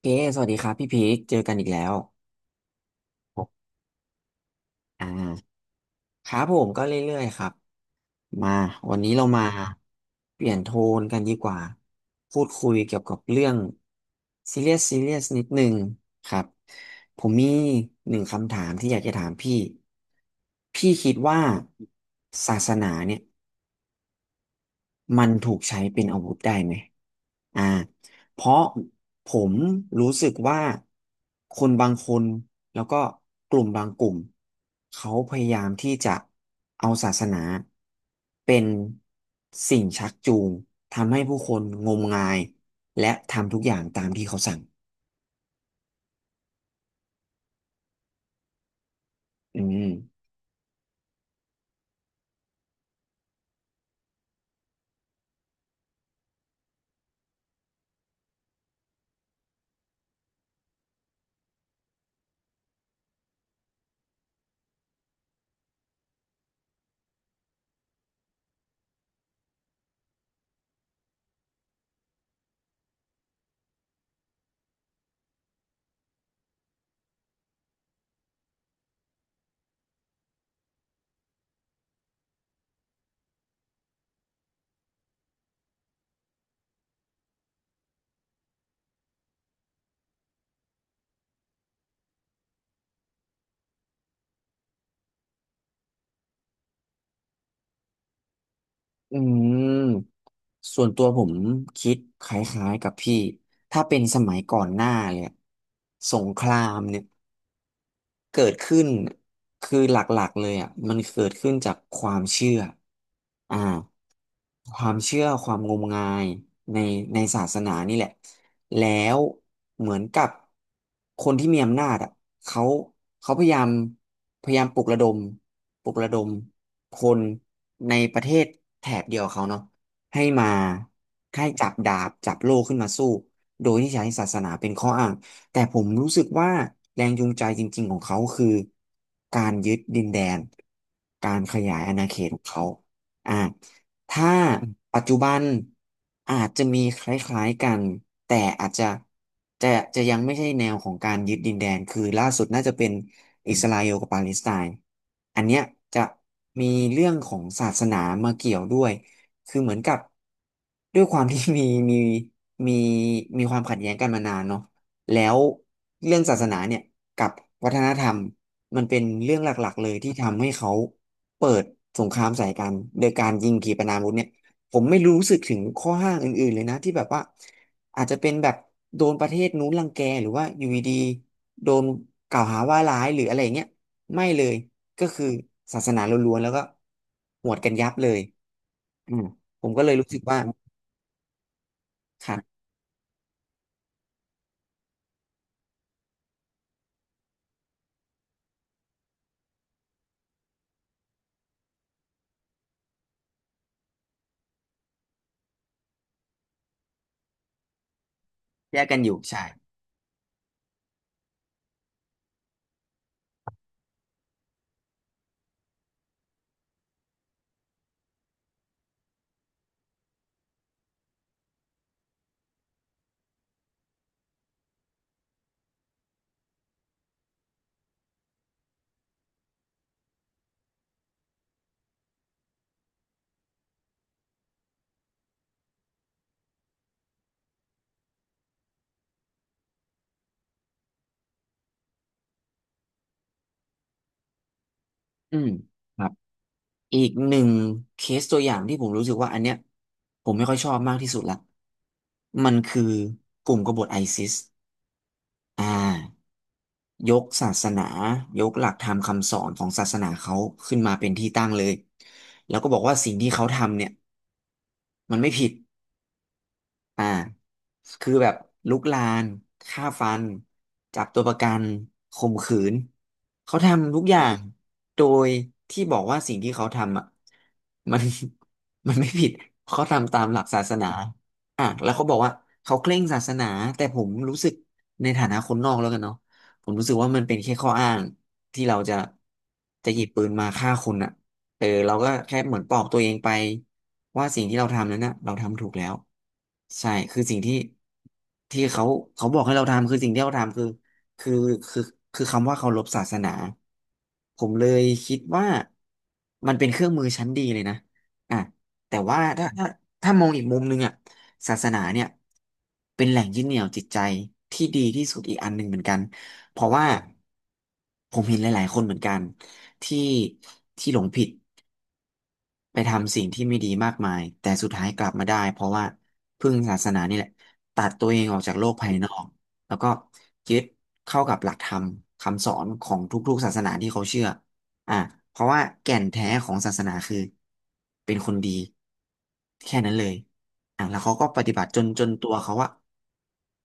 เค สวัสดีครับพี่พีคเจอกันอีกแล้วอ่าครับผมก็เรื่อยๆครับ มาวันนี้เรามาเปลี่ยนโทนกันดีกว่า พูดคุยเกี่ยวกับเรื่องซีเรียสซีเรียสนิดหนึงครับผมมีหนึ่งคำถามที่อยากจะถามพี่พี่คิดว่าศาสนาเนี่ย มันถูกใช้เป็นอาวุธได้ไหมอ่าเพราะผมรู้สึกว่าคนบางคนแล้วก็กลุ่มบางกลุ่มเขาพยายามที่จะเอาศาสนาเป็นสิ่งชักจูงทำให้ผู้คนงมงายและทำทุกอย่างตามที่เขาสั่งอืมอืมส่วนตัวผมคิดคล้ายๆกับพี่ ถ้าเป็นสมัยก่อนหน้าเลยอะสงครามเนี่ย เกิดขึ้นคือหลักๆเลยอ่ะมันเกิดขึ้นจากความเชื่ออ่าความเชื่อความงมงายในในศาสนานี่แหละแล้วเหมือนกับคนที่มีอำนาจอ่ะเขาเขาพยายามปลุกระดมปลุกระดมคนในประเทศแถบเดียวกับเขาเนาะให้มาให้จับดาบจับโล่ขึ้นมาสู้ โดยที่ใช้ศาสนาเป็นข้ออ้างแต่ผมรู้สึกว่าแรงจูงใจจริงๆของเขาคือการยึดดินแดน การขยายอาณาเขตของเขาอ่าถ้าปัจจุบันอาจจะมีคล้ายๆกัน แต่อาจจะจะจะยังไม่ใช่แนวของการยึดดินแดน คือล่าสุดน่าจะเป็นอิสราเอลกับปาเลสไตน์อันเนี้ยจะมีเรื่องของศาสนามาเกี่ยวด้วย คือเหมือนกับด้วยความที่ มีมีมีความขัดแย้งกันมานานเนาะแล้วเรื่องศาสนาเนี่ยกับวัฒนธรรมมันเป็นเรื่องหลักๆเลยที่ทำให้เขาเปิดสงครามใส่กันโดยการยิงขีปนาวุธเนี่ยผมไม่รู้สึกถึงข้อห้างอื่นๆเลยนะที่แบบว่าอาจจะเป็นแบบโดนประเทศนู้นรังแกหรือว่าอยู่ดีๆโดนกล่าวหาว่าร้ายหรืออะไรอย่างเงี้ยไม่เลยก็คือศาสนาล้วนๆแล้วก็หวดกันยับเลย อืมผมก็เลยรู้สึกว่าครับแยกกันอยู่ใช่อืมครับอีกหนึ่งเคสตัวอย่างที่ผมรู้สึกว่าอันเนี้ยผมไม่ค่อยชอบมากที่สุดละมันคือกลุ่มกบฏไอซิสอ่ายกศาสนายกหลักธรรมคำสอนของศาสนาเขาขึ้นมาเป็นที่ตั้งเลยแล้วก็บอกว่าสิ่งที่เขาทำเนี่ยมันไม่ผิด อ่าคือแบบลุกลานฆ่าฟันจับตัวประกันข่มขืนเขาทำทุกอย่างโดยที่บอกว่าสิ่งที่เขาทำอ่ะมัน มันไม่ผิดเขาทำตามหลักศาสนาอ่ะแล้วเขาบอกว่าเขาเคร่งศาสนาแต่ผมรู้สึกในฐานะคนนอกแล้วกันเนาะผมรู้สึกว่ามันเป็นแค่ข้ออ้างที่เราจะหยิบปืนมาฆ่าคนอ่ะ เออเราก็แค่เหมือนปลอบตัวเองไปว่าสิ่งที่เราทำนั้นนะเราทำถูกแล้วใช่คือสิ่งที่ที่เขาเขาบอกให้เราทำคือสิ่งที่เราทำคือคือคือคือคำว่าเคารพศาสนาผมเลยคิดว่ามันเป็นเครื่องมือชั้นดีเลยนะอ่ะแต่ว่าถ้ามองอีกมุมหนึงอ่ะศาสนาเนี่ยเป็นแหล่งยึดเหนี่ยวจิตใจที่ดีที่สุดอีกอันหนึ่งเหมือนกันเพราะว่าผมเห็นหลายๆคนเหมือนกันที่ที่หลงผิด ไปทำสิ่งที่ไม่ดีมากมายแต่สุดท้ายกลับมาได้เพราะว่าพึ่งศาสนานี่แหละตัดตัวเองออกจากโลกภายนอกแล้วก็ยึดเข้ากับหลักธรรมคำสอนของทุกๆศาสนาที่เขาเชื่ออ่ะเพราะว่าแก่นแท้ของศาสนาคือเป็นคนดีแค่นั้นเลยอ่ะแล้วเขาก็ปฏิบัติจนตัวเขาว่า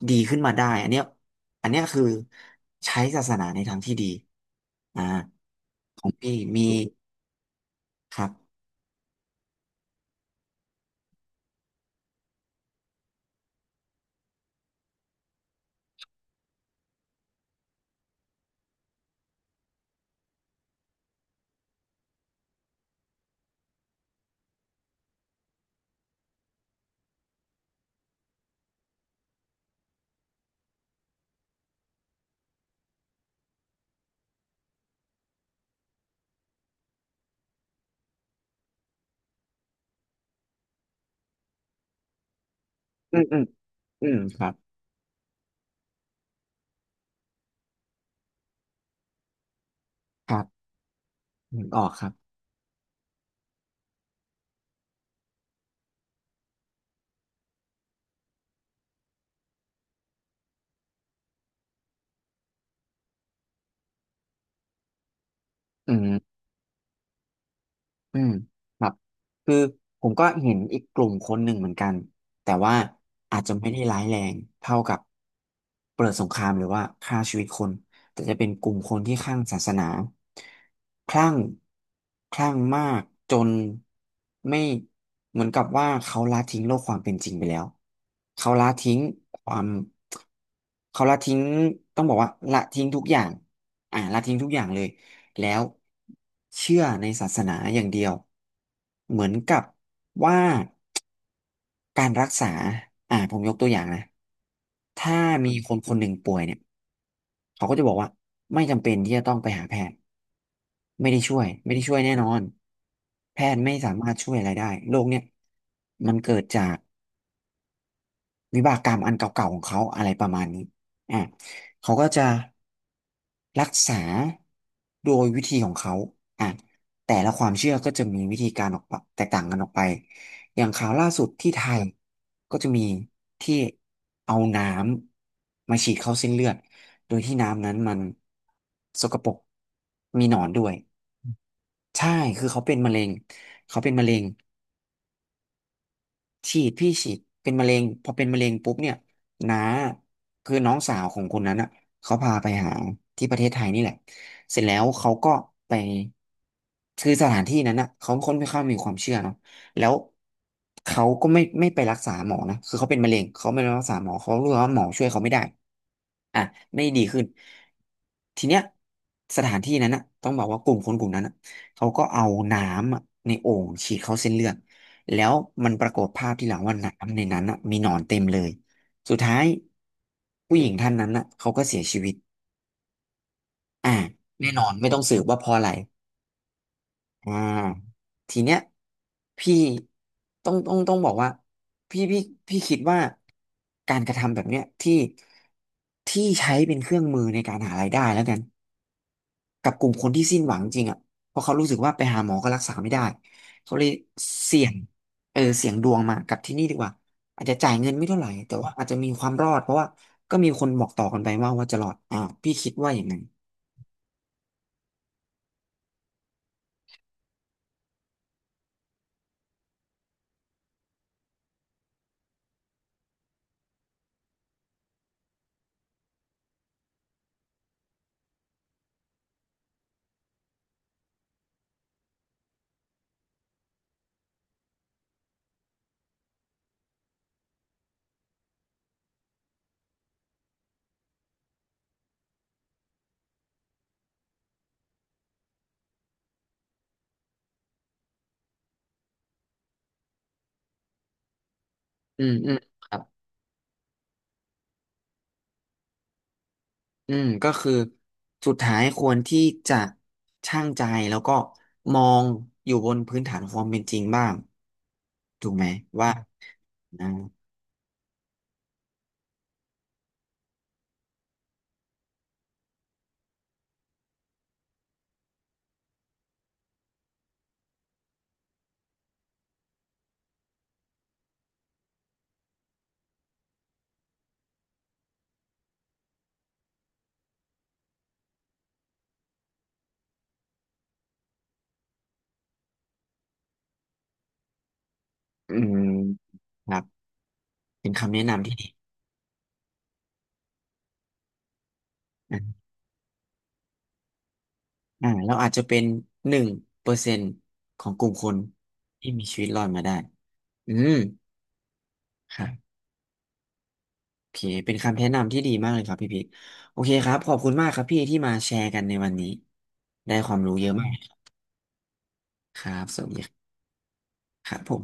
ดีขึ้นมาได้อันเนี้ยอันเนี้ยคือใช้ศาสนาในทางที่ดีอ่าของพี่มีครับอืมอืมอืมครับ ครับนึกออกครับอืมอืมครับคือผมก็เห็นอีกกลุ่มคนหนึ่งเหมือนกันแต่ว่าอาจจะไม่ได้ร้ายแรงเท่ากับเปิดสงครามหรือว่าฆ่าชีวิตคนแต่จะเป็นกลุ่มคนที่คลั่งศาสนาคลั่งคลั่งมากจนไม่เหมือนกับว่าเขาละทิ้งโลกความเป็นจริงไปแล้วเขาละทิ้งความเขาละทิ้งต้องบอกว่าละทิ้งทุกอย่างละทิ้งทุกอย่างเลย แล้วเชื่อในศาสนาอย่างเดียวเหมือนกับว่าการรักษาผมยกตัวอย่างนะถ้ามีคนคนหนึ่งป่วยเนี่ยเขาก็จะบอกว่าไม่จำเป็นที่จะต้องไปหาแพทย์ไม่ได้ช่วยไม่ได้ช่วยแน่นอนแพทย์ไม่สามารถช่วยอะไรได้โรคเนี่ยมันเกิดจาก วิบากกรรมอันเก่าๆของเขาอะไรประมาณนี้อ่ะเขาก็จะรักษาโดยวิธีของเขาอ่ะแต่ละความเชื่อก็จะมีวิธีการออกไปแตกต่างกันออกไป อย่างข่าวล่าสุดที่ไทยก็จะมีที่เอาน้ำมาฉีดเข้าเส้นเลือด โดยที่น้ำนั้นมันสกปรกมีหนอนด้วย ใช่คือเขาเป็นมะเร็งเขาเป็นมะเร็ง ฉีดพี่ฉีดเป็นมะเร็งพอเป็นมะเร็งปุ๊บเนี่ยน้าคือน้องสาวของคนนั้นเขาพาไปหาที่ประเทศไทยนี่แหละเสร็จแล้วเขาก็ไปคือสถานที่นั้นเขาค่อนข้างมีความเชื่อเนาะแล้วเขาก็ไม่ไปรักษาหมอนะคือเขาเป็นมะเร็งเขาไม่ไปรักษาหมอเขารู้ว่าหมอช่วยเขาไม่ได้อ่ะไม่ดีขึ้นทีเนี้ยสถานที่นั้นต้องบอกว่ากลุ่มคนกลุ่มนั้นเขาก็เอาน้ำในโอ่งฉีดเข้าเส้นเลือด แล้วมันปรากฏภาพที่หลังว่าน้ำในนั้นมีหนอนเต็มเลยสุดท้ายผู้หญิงท่านนั้นเขาก็เสียชีวิตอ่าแน่นอนไม่ต้องสืบว่าเพราะอะไรอ่าทีเนี้ยพี่ต้องบอกว่าพี่พี่พี่คิดว่าการกระทำแบบเนี้ยที่ใช้เป็นเครื่องมือในการหารายได้แล้วกัน กับกลุ่มคนที่สิ้นหวังจริงเพราะเขารู้สึกว่าไปหาหมอก็รักษาไม่ได้เขาเลยเสี่ยงเออเสี่ยงดวงมากับที่นี่ดีกว่าอาจจะจ่ายเงินไม่เท่าไหร่แต่ว่าอาจจะมีความรอดเพราะว่าก็มีคนบอกต่อกันไปว่าจะรอดพี่คิดว่าอย่างนั้นอืมอืมครับอืมก็คือสุดท้ายควรที่จะชั่งใจแล้วก็มองอยู่บนพื้นฐานของความเป็นจริงบ้างถูกไหมว่าอ่าอืมครับเป็นคำแนะนำที่ดี เราอาจจะเป็น1%ของกลุ่มคนที่มีชีวิตรอดมาได้ อืมครับโอเคเป็นคำแนะนำที่ดีมากเลยครับพี่พีทโอเคครับ ขอบคุณมากครับพี่ที่มาแชร์กันในวันนี้ ได้ความรู้เยอะมากครับ สวัสดีครับผม